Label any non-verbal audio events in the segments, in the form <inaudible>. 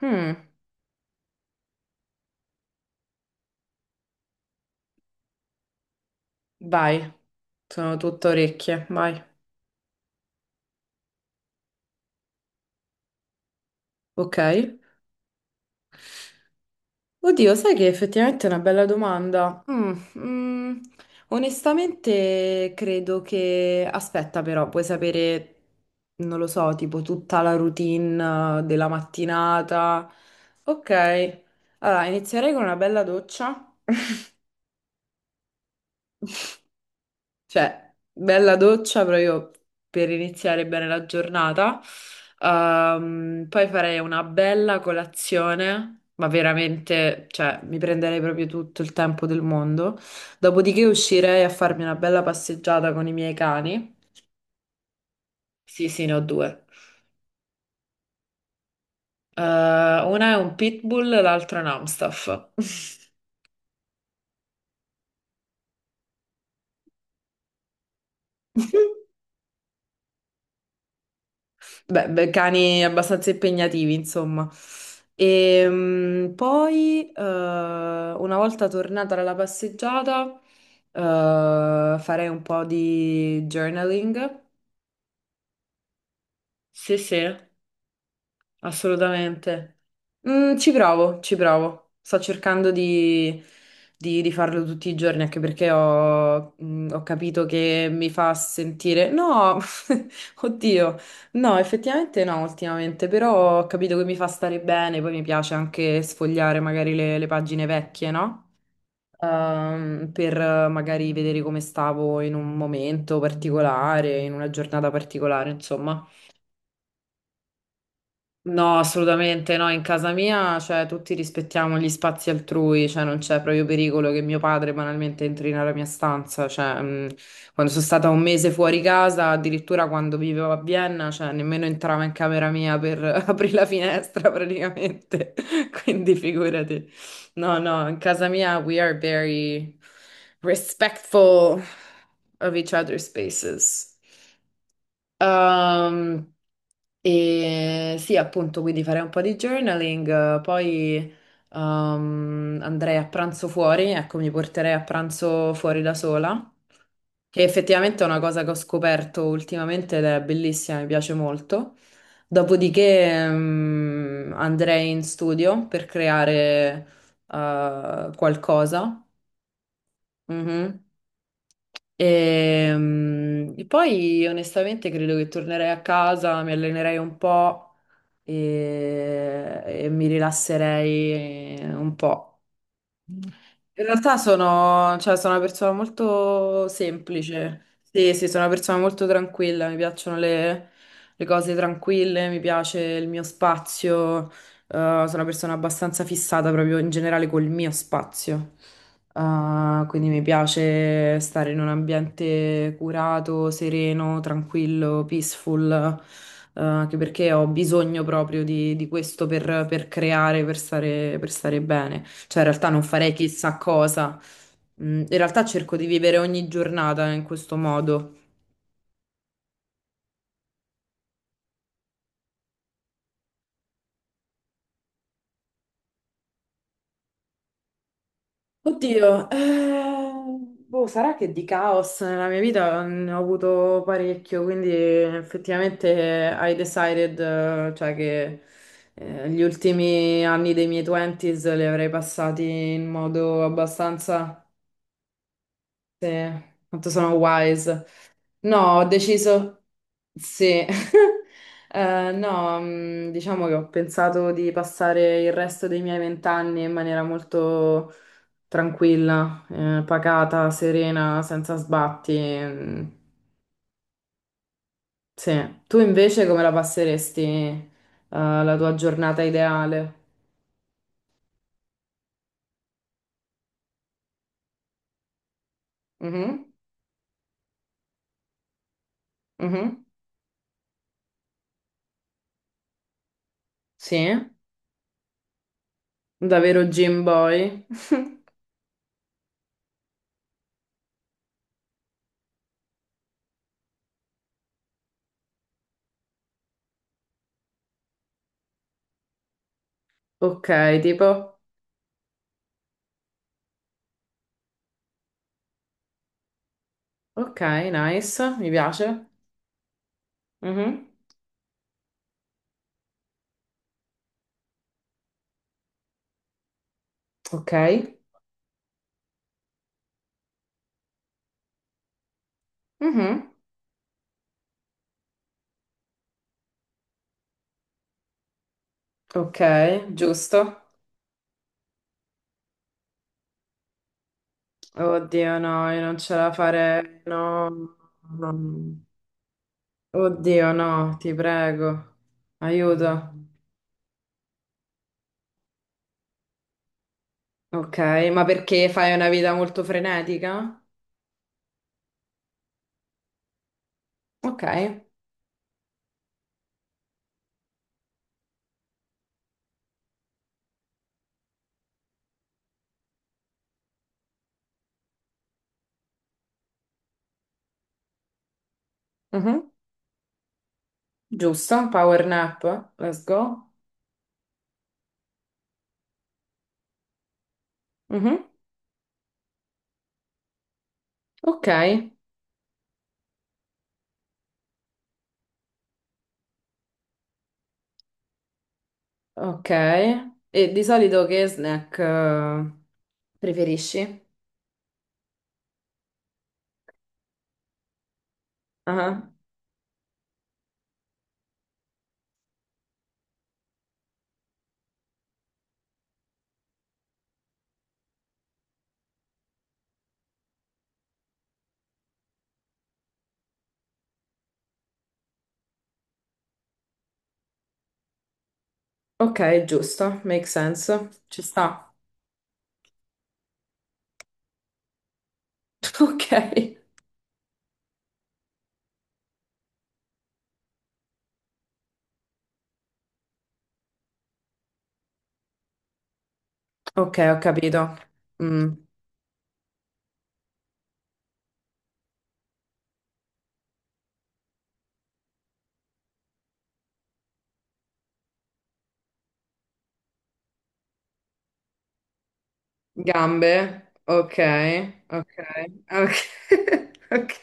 Mm, vai, sono tutto orecchie, vai. Ok. Oddio, sai che effettivamente è una bella domanda. Onestamente credo che. Aspetta però, puoi sapere, non lo so, tipo tutta la routine della mattinata. Ok, allora inizierei con una bella doccia. <laughs> Cioè, bella doccia proprio per iniziare bene la giornata. Poi farei una bella colazione, ma veramente, cioè, mi prenderei proprio tutto il tempo del mondo. Dopodiché uscirei a farmi una bella passeggiata con i miei cani. Sì, sì, ne ho due. Una è un pitbull, l'altra è un Amstaff. <laughs> Beh, beh, cani abbastanza impegnativi, insomma. E poi, una volta tornata dalla passeggiata, eh, farei un po' di journaling. Sì, sì. Assolutamente. Ci provo, ci provo. Sto cercando di farlo tutti i giorni, anche perché ho capito che mi fa sentire. No, <laughs> oddio, no, effettivamente no, ultimamente, però ho capito che mi fa stare bene, poi mi piace anche sfogliare magari le pagine vecchie, no? Per magari vedere come stavo in un momento particolare, in una giornata particolare, insomma. No, assolutamente no, in casa mia, cioè, tutti rispettiamo gli spazi altrui, cioè, non c'è proprio pericolo che mio padre banalmente entri nella mia stanza, cioè, quando sono stata un mese fuori casa, addirittura quando vivevo a Vienna, cioè, nemmeno entrava in camera mia per <laughs> aprire la finestra praticamente, <laughs> quindi figurati. No, no, in casa mia we are very respectful of each other's spaces. Ehm, e sì, appunto, quindi farei un po' di journaling, poi andrei a pranzo fuori, ecco, mi porterei a pranzo fuori da sola, che effettivamente è una cosa che ho scoperto ultimamente ed è bellissima, mi piace molto. Dopodiché andrei in studio per creare qualcosa. Mhm. E poi onestamente credo che tornerei a casa, mi allenerei un po' e mi rilasserei un po'. In realtà sono, cioè, sono una persona molto semplice. Sì, sì, sono una persona molto tranquilla. Mi piacciono le cose tranquille, mi piace il mio spazio. Sono una persona abbastanza fissata proprio in generale col mio spazio. Quindi mi piace stare in un ambiente curato, sereno, tranquillo, peaceful. Anche perché ho bisogno proprio di questo per creare, per stare bene. Cioè, in realtà non farei chissà cosa. In realtà cerco di vivere ogni giornata in questo modo. Oddio, boh, sarà che di caos nella mia vita ne ho avuto parecchio, quindi effettivamente I decided, cioè che gli ultimi anni dei miei 20s li avrei passati in modo abbastanza, sì, quanto sono wise. No, ho deciso. Sì, <laughs> no, diciamo che ho pensato di passare il resto dei miei vent'anni in maniera molto tranquilla, pacata, serena, senza sbatti. Mm, sì, tu invece come la passeresti, la tua giornata ideale? Mhm, mhm, sì, davvero gym boy? Ok, tipo, ok, nice, mi piace. Mhm, ok, mhm, ok, giusto. Oddio, no, io non ce la farei. No, no. Oddio, no, ti prego. Aiuto. Ok, ma perché fai una vita molto frenetica? Ok, mhm. Giusto, power nap, let's go. Mhm. Ok, ok. E di solito che snack preferisci? Ah, ok, giusto, make sense, ci sta. <laughs> Ok, ok, ho capito. Mm. Gambe, ok, ok, ok, <laughs> ok.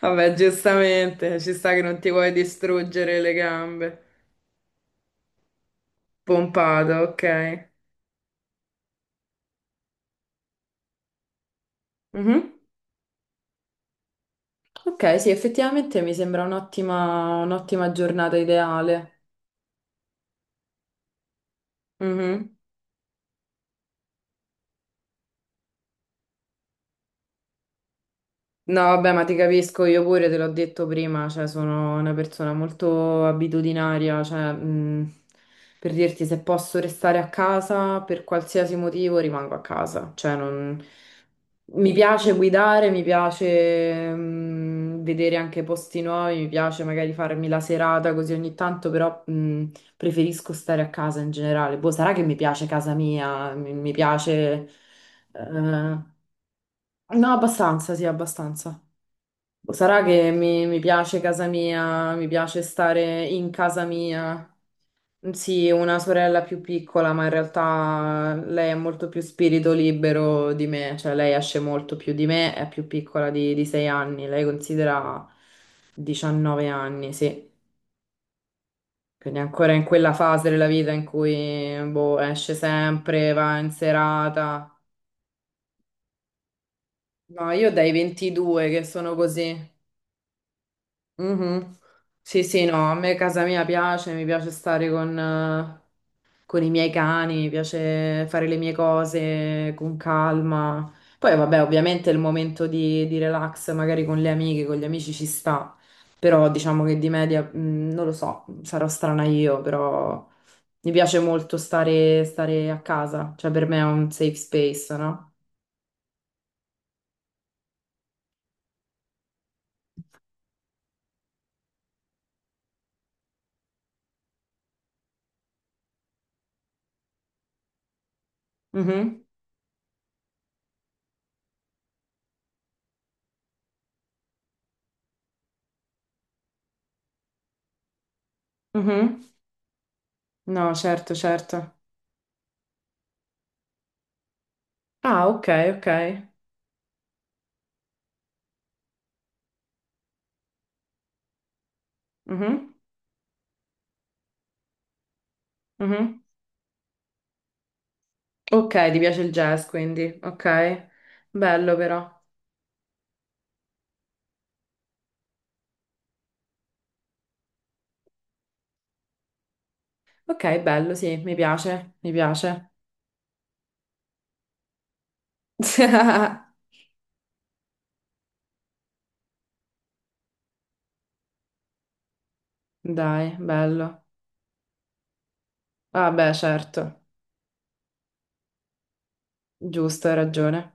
Vabbè, giustamente, ci sta che non ti vuoi distruggere le gambe. Pompato, ok. Mhm. Ok, sì, effettivamente mi sembra un'ottima giornata ideale. Mhm. No, vabbè, ma ti capisco, io pure te l'ho detto prima, cioè sono una persona molto abitudinaria, cioè per dirti se posso restare a casa per qualsiasi motivo rimango a casa, cioè non... Mi piace guidare, mi piace vedere anche posti nuovi, mi piace magari farmi la serata così ogni tanto, però preferisco stare a casa in generale. Boh, sarà che mi piace casa mia, mi piace. eh, No, abbastanza, sì, abbastanza. Sarà che mi piace casa mia, mi piace stare in casa mia. Sì, una sorella più piccola, ma in realtà lei è molto più spirito libero di me, cioè lei esce molto più di me, è più piccola di 6 anni, lei considera 19 anni, sì. Quindi è ancora in quella fase della vita in cui boh, esce sempre, va in serata. No, io dai 22 che sono così. Mhm. Sì, sì, no, a me casa mia piace, mi piace stare con i miei cani, mi piace fare le mie cose con calma. Poi, vabbè, ovviamente il momento di relax, magari con le amiche, con gli amici ci sta, però diciamo che di media, non lo so, sarò strana io, però mi piace molto stare a casa, cioè per me è un safe space, no? Mhm, mhm. No, certo, certo. Ah, ok, ok. Mhm, mhm. Ok, ti piace il jazz, quindi, ok. Bello però. Ok, bello, sì, mi piace, mi piace. <laughs> Dai, bello. Vabbè, certo, giusto, hai ragione.